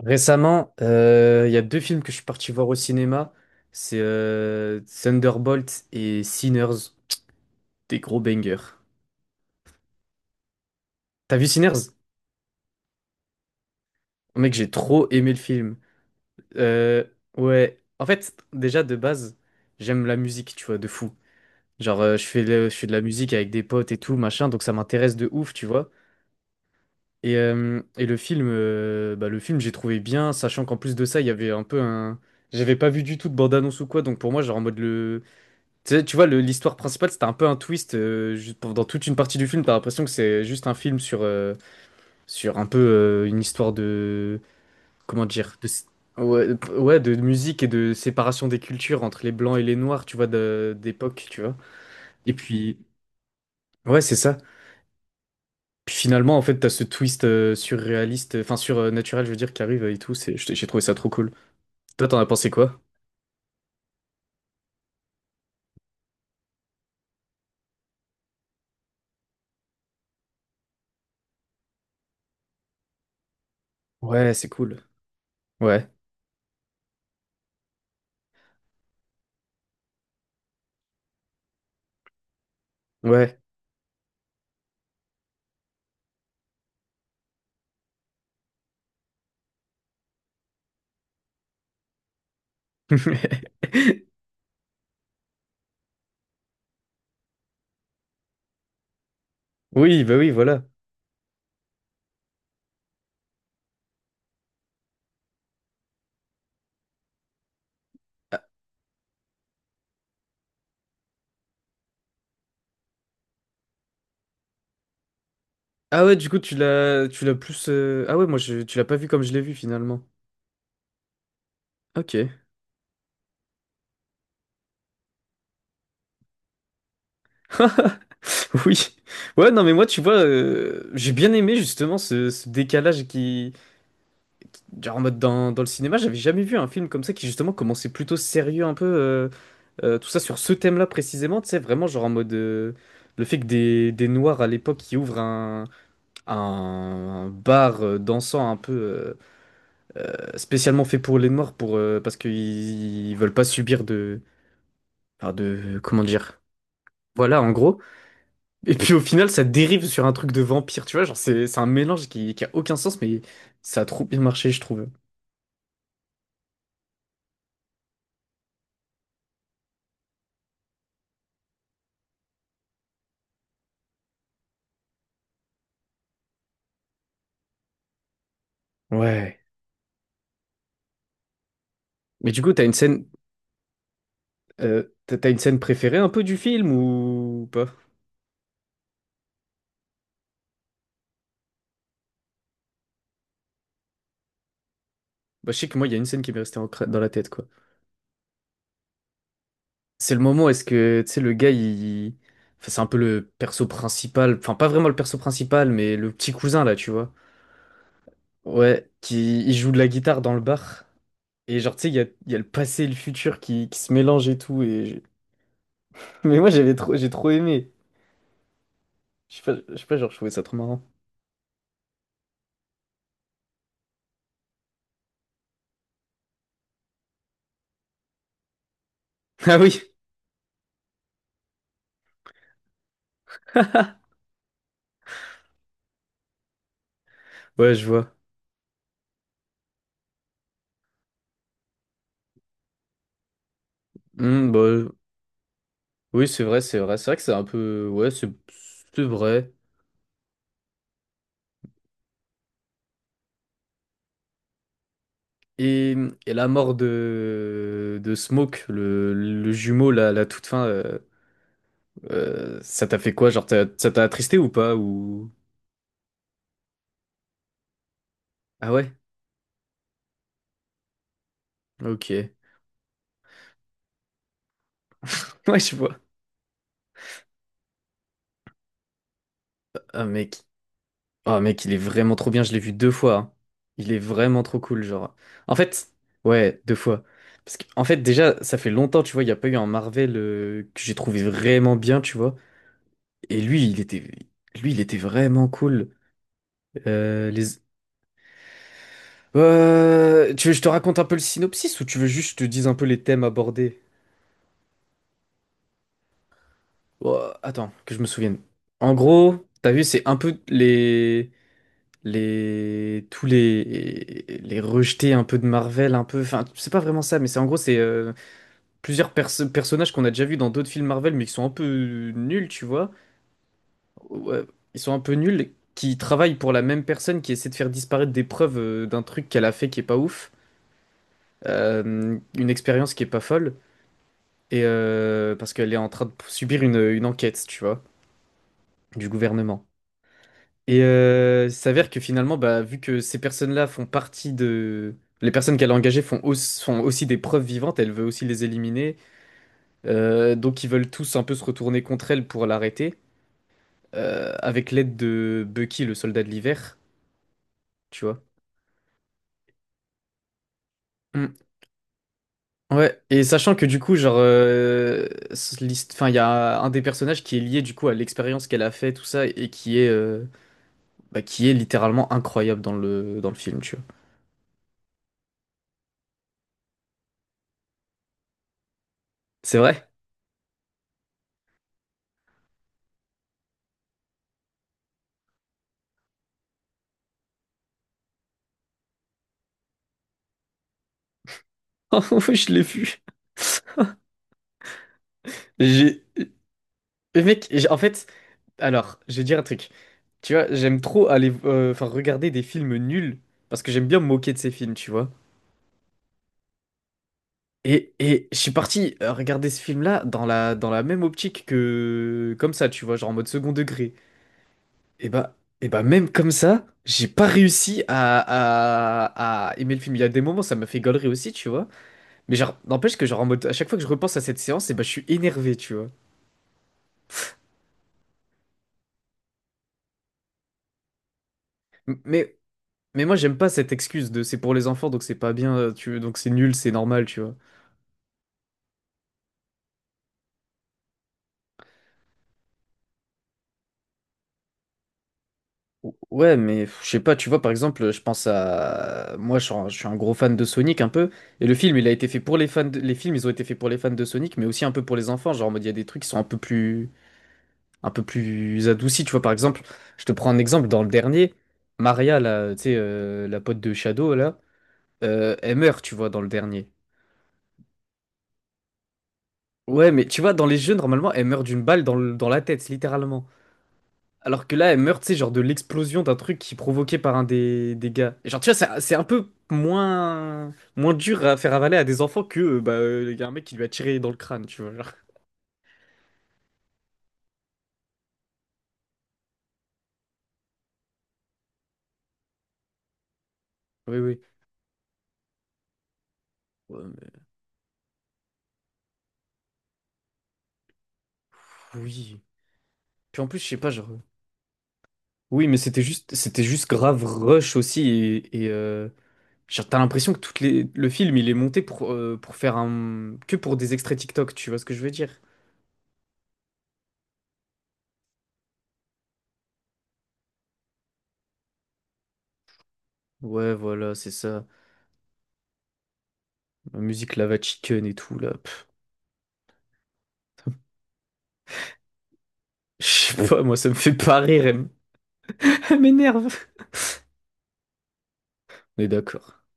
Récemment, il y a deux films que je suis parti voir au cinéma. C'est Thunderbolt et Sinners, des gros bangers. T'as vu Sinners? Mec, j'ai trop aimé le film. Euh, ouais, en fait, déjà de base, j'aime la musique, tu vois, de fou. Genre, je fais, je fais de la musique avec des potes et tout, machin, donc ça m'intéresse de ouf, tu vois. Et le film, bah, le film, j'ai trouvé bien, sachant qu'en plus de ça, il y avait un peu un. J'avais pas vu du tout de bande-annonce ou quoi, donc pour moi, genre en mode le. Tu sais, tu vois, l'histoire principale, c'était un peu un twist. Juste dans toute une partie du film, t'as l'impression que c'est juste un film sur, sur un peu une histoire de. Comment dire? De. Ouais, de ouais, de musique et de séparation des cultures entre les blancs et les noirs, tu vois, d'époque, tu vois. Et puis. Ouais, c'est ça. Puis finalement, en fait, t'as ce twist surréaliste, enfin surnaturel, je veux dire, qui arrive et tout. J'ai trouvé ça trop cool. Toi, t'en as pensé quoi? Ouais, c'est cool. Ouais, ouais. Oui, bah oui, voilà. Ah, ah ouais, du coup, tu l'as plus. Ah ouais, moi, je, tu l'as pas vu comme je l'ai vu finalement. Ok. Oui. Ouais, non, mais moi, tu vois, j'ai bien aimé justement ce décalage qui, genre en mode dans le cinéma, j'avais jamais vu un film comme ça qui justement commençait plutôt sérieux un peu, tout ça sur ce thème-là précisément, tu sais, vraiment genre en mode le fait que des noirs à l'époque qui ouvrent un bar dansant un peu spécialement fait pour les noirs pour, parce qu'ils veulent pas subir de, enfin de, comment dire, voilà en gros. Et puis au final ça dérive sur un truc de vampire, tu vois, genre c'est un mélange qui a aucun sens mais ça a trop bien marché je trouve. Ouais. Mais du coup, t'as une scène, euh, t'as une scène préférée un peu du film ou pas? Bah, je sais que moi, il y a une scène qui m'est restée en dans la tête, quoi. C'est le moment où est-ce que, tu sais, le gars, il. Enfin, c'est un peu le perso principal. Enfin, pas vraiment le perso principal, mais le petit cousin, là, tu vois. Ouais, qui il joue de la guitare dans le bar. Et genre, tu sais, il y a le passé et le futur qui se mélangent et tout. Mais moi, j'avais trop. J'ai trop aimé. Je sais pas, genre, je trouvais ça trop marrant. Ah oui! Ouais, je vois. Hmm, bah, oui, c'est vrai, c'est vrai. C'est vrai que c'est un peu. Ouais, c'est vrai. Et, et la mort de Smoke, le jumeau, la toute fin, ça t'a fait quoi? Genre, ça t'a attristé ou pas? Ou... Ah ouais? Ok. Ouais, je vois. Ah mec. Ah mec, il est vraiment trop bien, je l'ai vu deux fois. Hein. Il est vraiment trop cool, genre. En fait, ouais, deux fois. Parce que, en fait, déjà, ça fait longtemps, tu vois, il n'y a pas eu un Marvel que j'ai trouvé vraiment bien, tu vois. Et lui, il était vraiment cool. Euh. Tu veux que je te raconte un peu le synopsis ou tu veux juste que je te dise un peu les thèmes abordés? Oh, attends, que je me souvienne. En gros, t'as vu, c'est un peu tous les rejetés un peu de Marvel, un peu, enfin, c'est pas vraiment ça, mais c'est en gros, c'est plusieurs personnages qu'on a déjà vus dans d'autres films Marvel, mais qui sont un peu nuls, tu vois. Ouais, ils sont un peu nuls, qui travaillent pour la même personne, qui essaie de faire disparaître des preuves d'un truc qu'elle a fait qui est pas ouf, une expérience qui est pas folle. Et parce qu'elle est en train de subir une enquête, tu vois, du gouvernement. Et il s'avère que finalement, bah, vu que ces personnes-là font partie de... Les personnes qu'elle a engagées font, font aussi des preuves vivantes, elle veut aussi les éliminer. Donc ils veulent tous un peu se retourner contre elle pour l'arrêter, avec l'aide de Bucky, le soldat de l'hiver, tu vois. Mm. Ouais, et sachant que du coup, genre, euh. Enfin, il y a un des personnages qui est lié du coup à l'expérience qu'elle a fait, tout ça, et qui est, bah, qui est littéralement incroyable dans le film, tu vois. C'est vrai? Oh ouais, je l'ai vu. J'ai, mais mec, alors, je vais dire un truc. Tu vois, j'aime trop aller, enfin, regarder des films nuls parce que j'aime bien me moquer de ces films, tu vois. Et je suis parti regarder ce film-là dans la même optique que comme ça, tu vois, genre en mode second degré. Et bah, et bah même comme ça, j'ai pas réussi à aimer le film. Il y a des moments, ça m'a fait galerie aussi, tu vois. Mais genre, n'empêche que genre en mode, à chaque fois que je repense à cette séance, et bah, je suis énervé, tu vois. M- Mais, mais moi, j'aime pas cette excuse de c'est pour les enfants, donc c'est pas bien, tu donc c'est nul, c'est normal, tu vois. Ouais, mais pff, je sais pas, tu vois, par exemple, je pense à... Moi, je suis un gros fan de Sonic, un peu, et le film, il a été fait pour les fans de. Les films, ils ont été faits pour les fans de Sonic, mais aussi un peu pour les enfants, genre en mode, il y a des trucs qui sont un peu plus... Un peu plus adoucis, tu vois, par exemple, je te prends un exemple, dans le dernier, Maria, là, tu sais, la pote de Shadow, là, elle meurt, tu vois, dans le dernier. Ouais, mais tu vois, dans les jeux, normalement, elle meurt d'une balle dans, dans la tête, littéralement. Alors que là, elle meurt, tu sais, genre de l'explosion d'un truc qui est provoqué par un des gars. Et genre, tu vois, c'est un peu moins, moins dur à faire avaler à des enfants que, bah, il y a un mec qui lui a tiré dans le crâne, tu vois, genre. Oui, oui. Ouais, mais- Oui. Puis en plus, je sais pas, genre. Oui, mais c'était juste grave rush aussi. Et, genre, t'as l'impression que toutes les, le film, il est monté pour faire un. Que pour des extraits TikTok, tu vois ce que je veux dire? Ouais, voilà, c'est ça. La musique Lava Chicken et tout, là. Je sais pas, moi, ça me fait pas rire. Elle m'énerve. On est d'accord.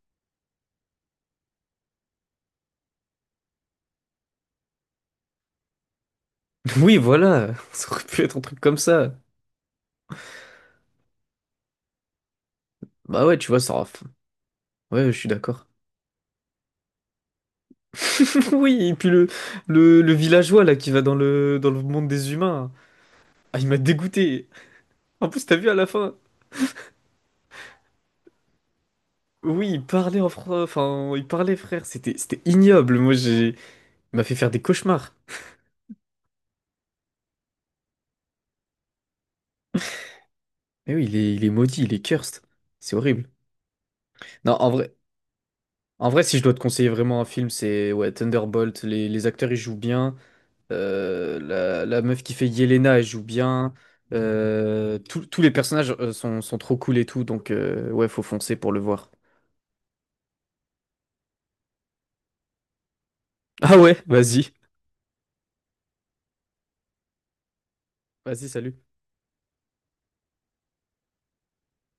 Oui, voilà. Ça aurait pu être un truc comme ça. Bah ouais, tu vois, ça aura... Ouais, je suis d'accord. Oui, et puis le villageois, là, qui va dans le monde des humains. Ah, il m'a dégoûté. En plus, t'as vu à la fin. Oui, il parlait en français. Enfin, il parlait, frère. C'était, c'était ignoble. Moi, j'ai... Il m'a fait faire des cauchemars. Mais oui, il est maudit, il est cursed. C'est horrible. Non, en vrai. En vrai, si je dois te conseiller vraiment un film, c'est ouais, Thunderbolt. Les acteurs, ils jouent bien. La, la meuf qui fait Yelena, elle joue bien. Euh, tous les personnages sont, sont trop cool et tout. Donc, ouais, faut foncer pour le voir. Ah ouais, vas-y. Vas-y, salut.